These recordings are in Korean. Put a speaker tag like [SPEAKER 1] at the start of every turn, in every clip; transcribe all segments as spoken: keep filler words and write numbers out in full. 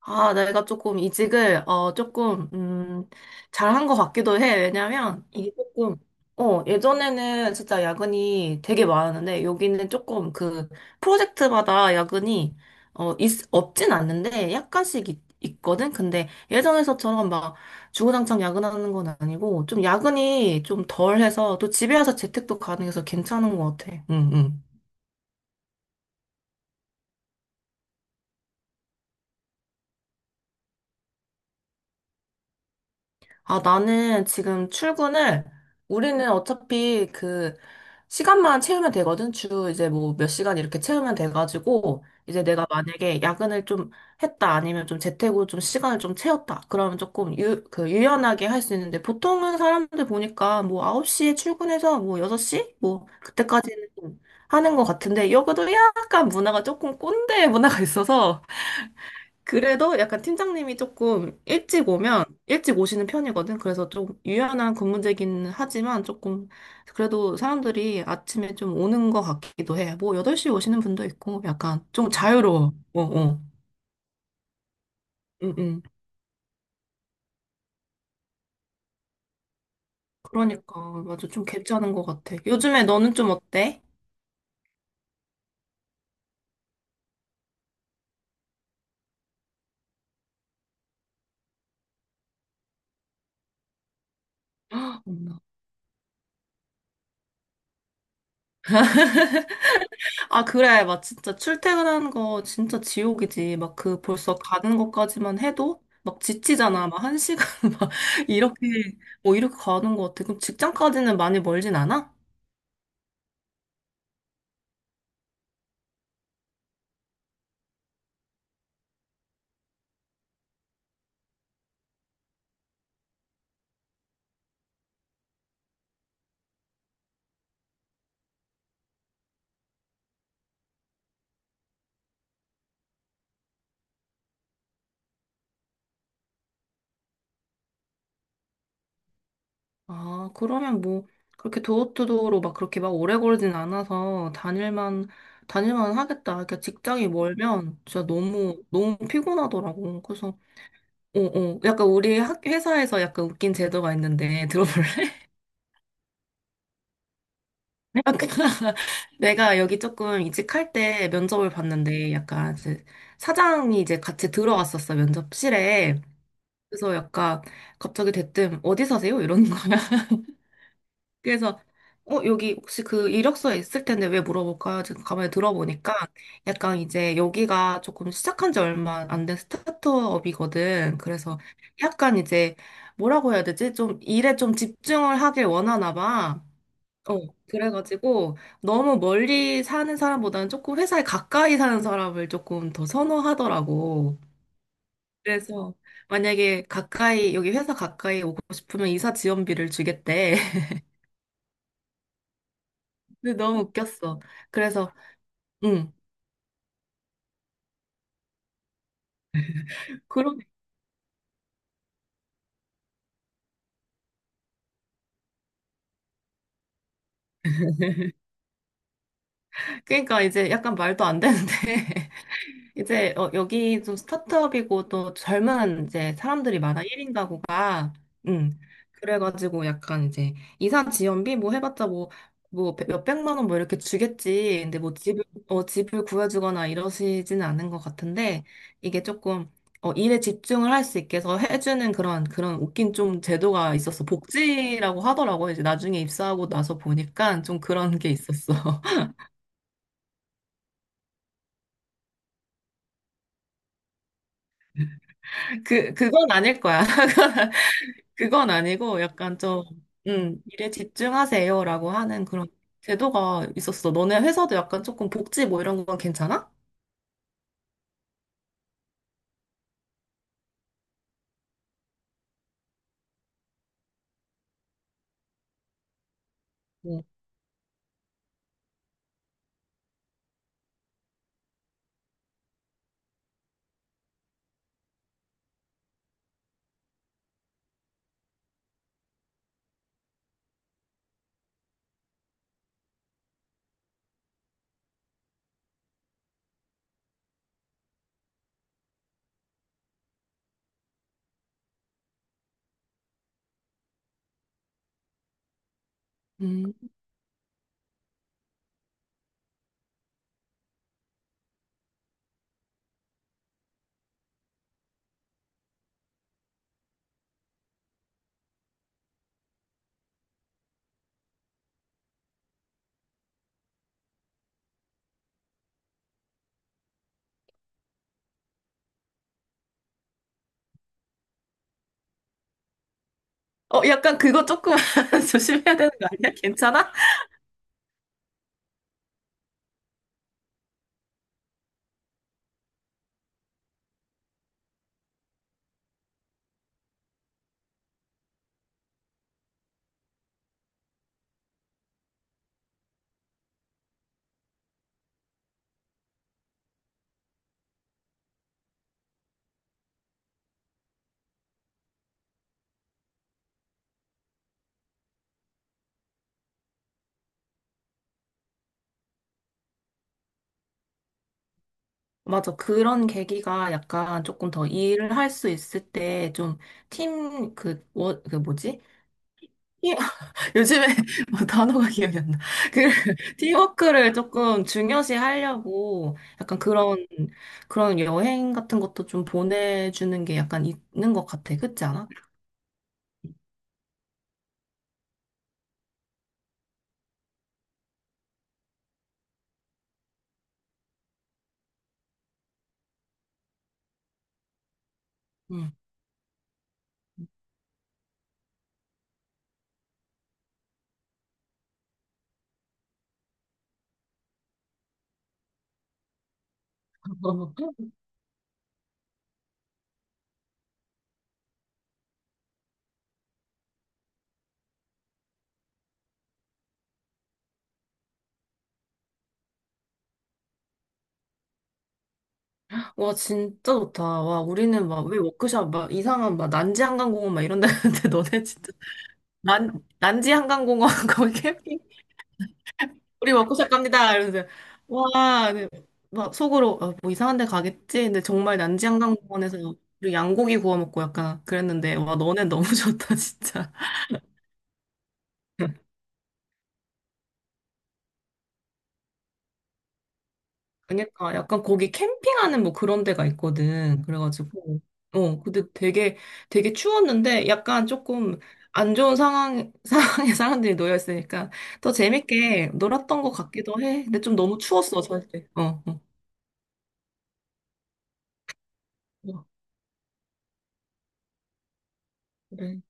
[SPEAKER 1] 아, 내가 조금 이직을, 어, 조금, 음, 잘한 것 같기도 해. 왜냐면, 이게 조금, 어, 예전에는 진짜 야근이 되게 많았는데, 여기는 조금 그, 프로젝트마다 야근이, 어, 있, 없진 않는데, 약간씩 있, 있거든? 근데 예전에서처럼 막, 주구장창 야근하는 건 아니고, 좀 야근이 좀 덜해서, 또 집에 와서 재택도 가능해서 괜찮은 것 같아. 응, 응. 아, 나는 지금 출근을, 우리는 어차피 그, 시간만 채우면 되거든. 주 이제 뭐 몇 시간 이렇게 채우면 돼가지고, 이제 내가 만약에 야근을 좀 했다, 아니면 좀 재택으로 좀 시간을 좀 채웠다. 그러면 조금 유, 그, 유연하게 할 수 있는데, 보통은 사람들 보니까 뭐 아홉 시에 출근해서 뭐 여섯 시? 뭐, 그때까지는 좀 하는 것 같은데, 여기도 약간 문화가 조금 꼰대 문화가 있어서, 그래도 약간 팀장님이 조금 일찍 오면 일찍 오시는 편이거든. 그래서 좀 유연한 근무제긴 하지만 조금 그래도 사람들이 아침에 좀 오는 것 같기도 해. 뭐 여덟 시에 오시는 분도 있고 약간 좀 자유로워. 어, 어. 응, 응. 그러니까 맞아. 좀 괜찮은 것 같아. 요즘에 너는 좀 어때? 헉, 아, 그래. 막 진짜 출퇴근하는 거 진짜 지옥이지. 막 그 벌써 가는 것까지만 해도 막 지치잖아. 막 한 시간 막 이렇게 뭐 이렇게 가는 것 같아. 그럼 직장까지는 많이 멀진 않아? 아, 그러면 뭐 그렇게 도어투도어로 막 그렇게 막 오래 걸진 않아서 다닐만 다닐만 하겠다. 그러니까 직장이 멀면 진짜 너무 너무 피곤하더라고. 그래서 어, 어. 약간 우리 학 회사에서 약간 웃긴 제도가 있는데 들어볼래? 아까 내가 여기 조금 이직할 때 면접을 봤는데 약간 이제 사장이 이제 같이 들어왔었어, 면접실에. 그래서 약간 갑자기 대뜸 어디 사세요? 이러는 거야. 그래서 어, 여기 혹시 그 이력서에 있을 텐데 왜 물어볼까? 지금 가만히 들어보니까 약간 이제 여기가 조금 시작한 지 얼마 안 된 스타트업이거든. 그래서 약간 이제 뭐라고 해야 되지? 좀 일에 좀 집중을 하길 원하나 봐. 어, 그래가지고 너무 멀리 사는 사람보다는 조금 회사에 가까이 사는 사람을 조금 더 선호하더라고. 그래서 만약에 가까이, 여기 회사 가까이 오고 싶으면 이사 지원비를 주겠대. 근데 너무 웃겼어. 그래서, 응. 그러, 그러니까 이제 약간 말도 안 되는데. 이제 어, 여기 좀 스타트업이고 또 젊은 이제 사람들이 많아 일 인 가구가 음 그래가지고 약간 이제 이사 지원비 뭐 해봤자 뭐 뭐 몇백만 원 뭐 이렇게 주겠지. 근데 뭐 집을 어 집을 구해주거나 이러시지는 않은 것 같은데, 이게 조금 어 일에 집중을 할 수 있게 해서 해주는 그런 그런 웃긴 좀 제도가 있었어. 복지라고 하더라고. 이제 나중에 입사하고 나서 보니까 좀 그런 게 있었어. 그 그건 아닐 거야. 그건 아니고 약간 좀, 음, 일에 집중하세요라고 하는 그런 제도가 있었어. 너네 회사도 약간 조금 복지 뭐 이런 건 괜찮아? 응. 음. 어, 약간 그거 조금 조심해야 되는 거 아니야? 괜찮아? 맞아. 그런 계기가 약간 조금 더 일을 할 수 있을 때 좀 팀, 그, 워, 그 뭐지? 요즘에 뭐 단어가 기억이 안 나. 그 팀워크를 조금 중요시 하려고 약간 그런 그런 여행 같은 것도 좀 보내주는 게 약간 있는 것 같아. 그렇지 않아? 응. 와 진짜 좋다. 와 우리는 막 왜 워크숍 막 이상한 막 난지 한강공원 막 이런 데 갔는데 너네 진짜 난 난지 한강공원 거기 우리 먹고 살 갑니다. 이러면서 와, 네. 막 속으로 아, 뭐 이상한 데 가겠지. 근데 정말 난지한강공원에서 우리 양고기 구워 먹고 약간 그랬는데 와 너네 너무 좋다 진짜. 그러니까 약간 거기 캠핑하는 뭐 그런 데가 있거든. 그래가지고 어 근데 되게 되게 추웠는데 약간 조금 안 좋은 상황 상황에 사람들이 놓여 있으니까 더 재밌게 놀았던 것 같기도 해. 근데 좀 너무 추웠어 사실. 어 어. 어, 그래.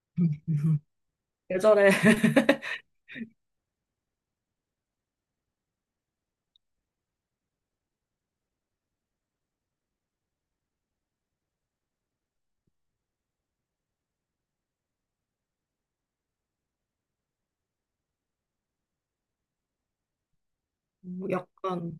[SPEAKER 1] 계절에 약간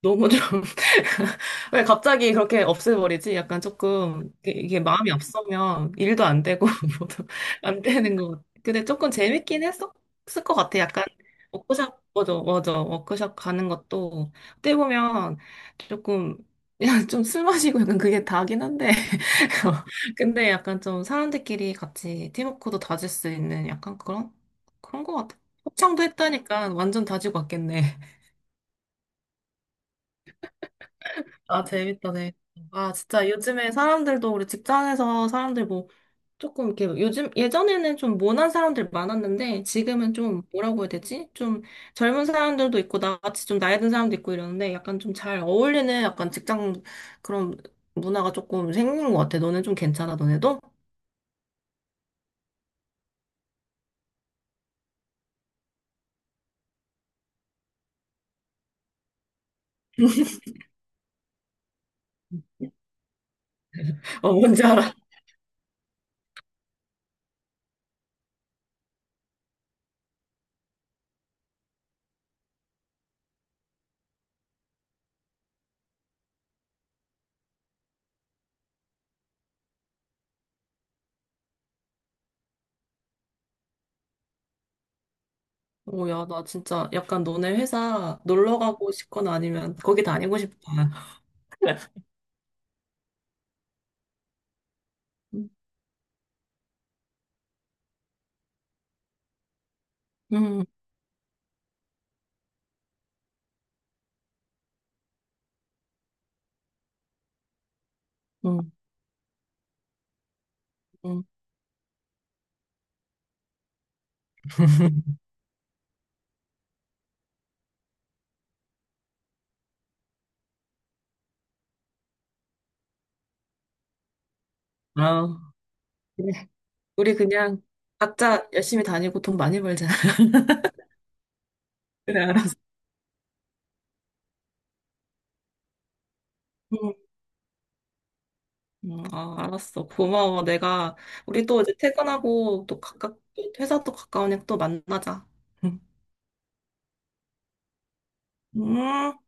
[SPEAKER 1] 너무 좀, 왜 갑자기 그렇게 없애버리지? 약간 조금, 이게 이게 마음이 앞서면 일도 안 되고, 뭐도 안 되는 것 같아. 근데 조금 재밌긴 했었을 것 같아. 약간, 워크숍, 맞아, 맞아. 워크숍 가는 것도, 어떻게 보면 조금, 그냥 좀 술 마시고 약간 그게 다긴 한데. 근데 약간 좀 사람들끼리 같이 팀워크도 다질 수 있는 약간 그런, 그런 것 같아. 합창도 했다니까 완전 다지고 왔겠네. 아, 재밌다, 재밌다. 아, 진짜 요즘에 사람들도 우리 직장에서 사람들 뭐 조금 이렇게 요즘 예전에는 좀 모난 사람들 많았는데 지금은 좀 뭐라고 해야 되지? 좀 젊은 사람들도 있고 나같이 좀 나이 든 사람도 있고 이러는데 약간 좀 잘 어울리는 약간 직장 그런 문화가 조금 생긴 것 같아. 너네 좀 괜찮아, 너네도? 어, 뭔지 알아. 오, 야, 나 진짜 약간 너네 회사 놀러 가고 싶거나 아니면 거기 다니고 싶다. 음, 음, 음. 아. 우리 그냥 각자 열심히 다니고 돈 많이 벌자. 그래, 알았어. 응. 응, 아, 알았어. 고마워. 내가, 우리 또 이제 퇴근하고 또 가깝, 회사 또 가까우니까 또 만나자. 응. 음.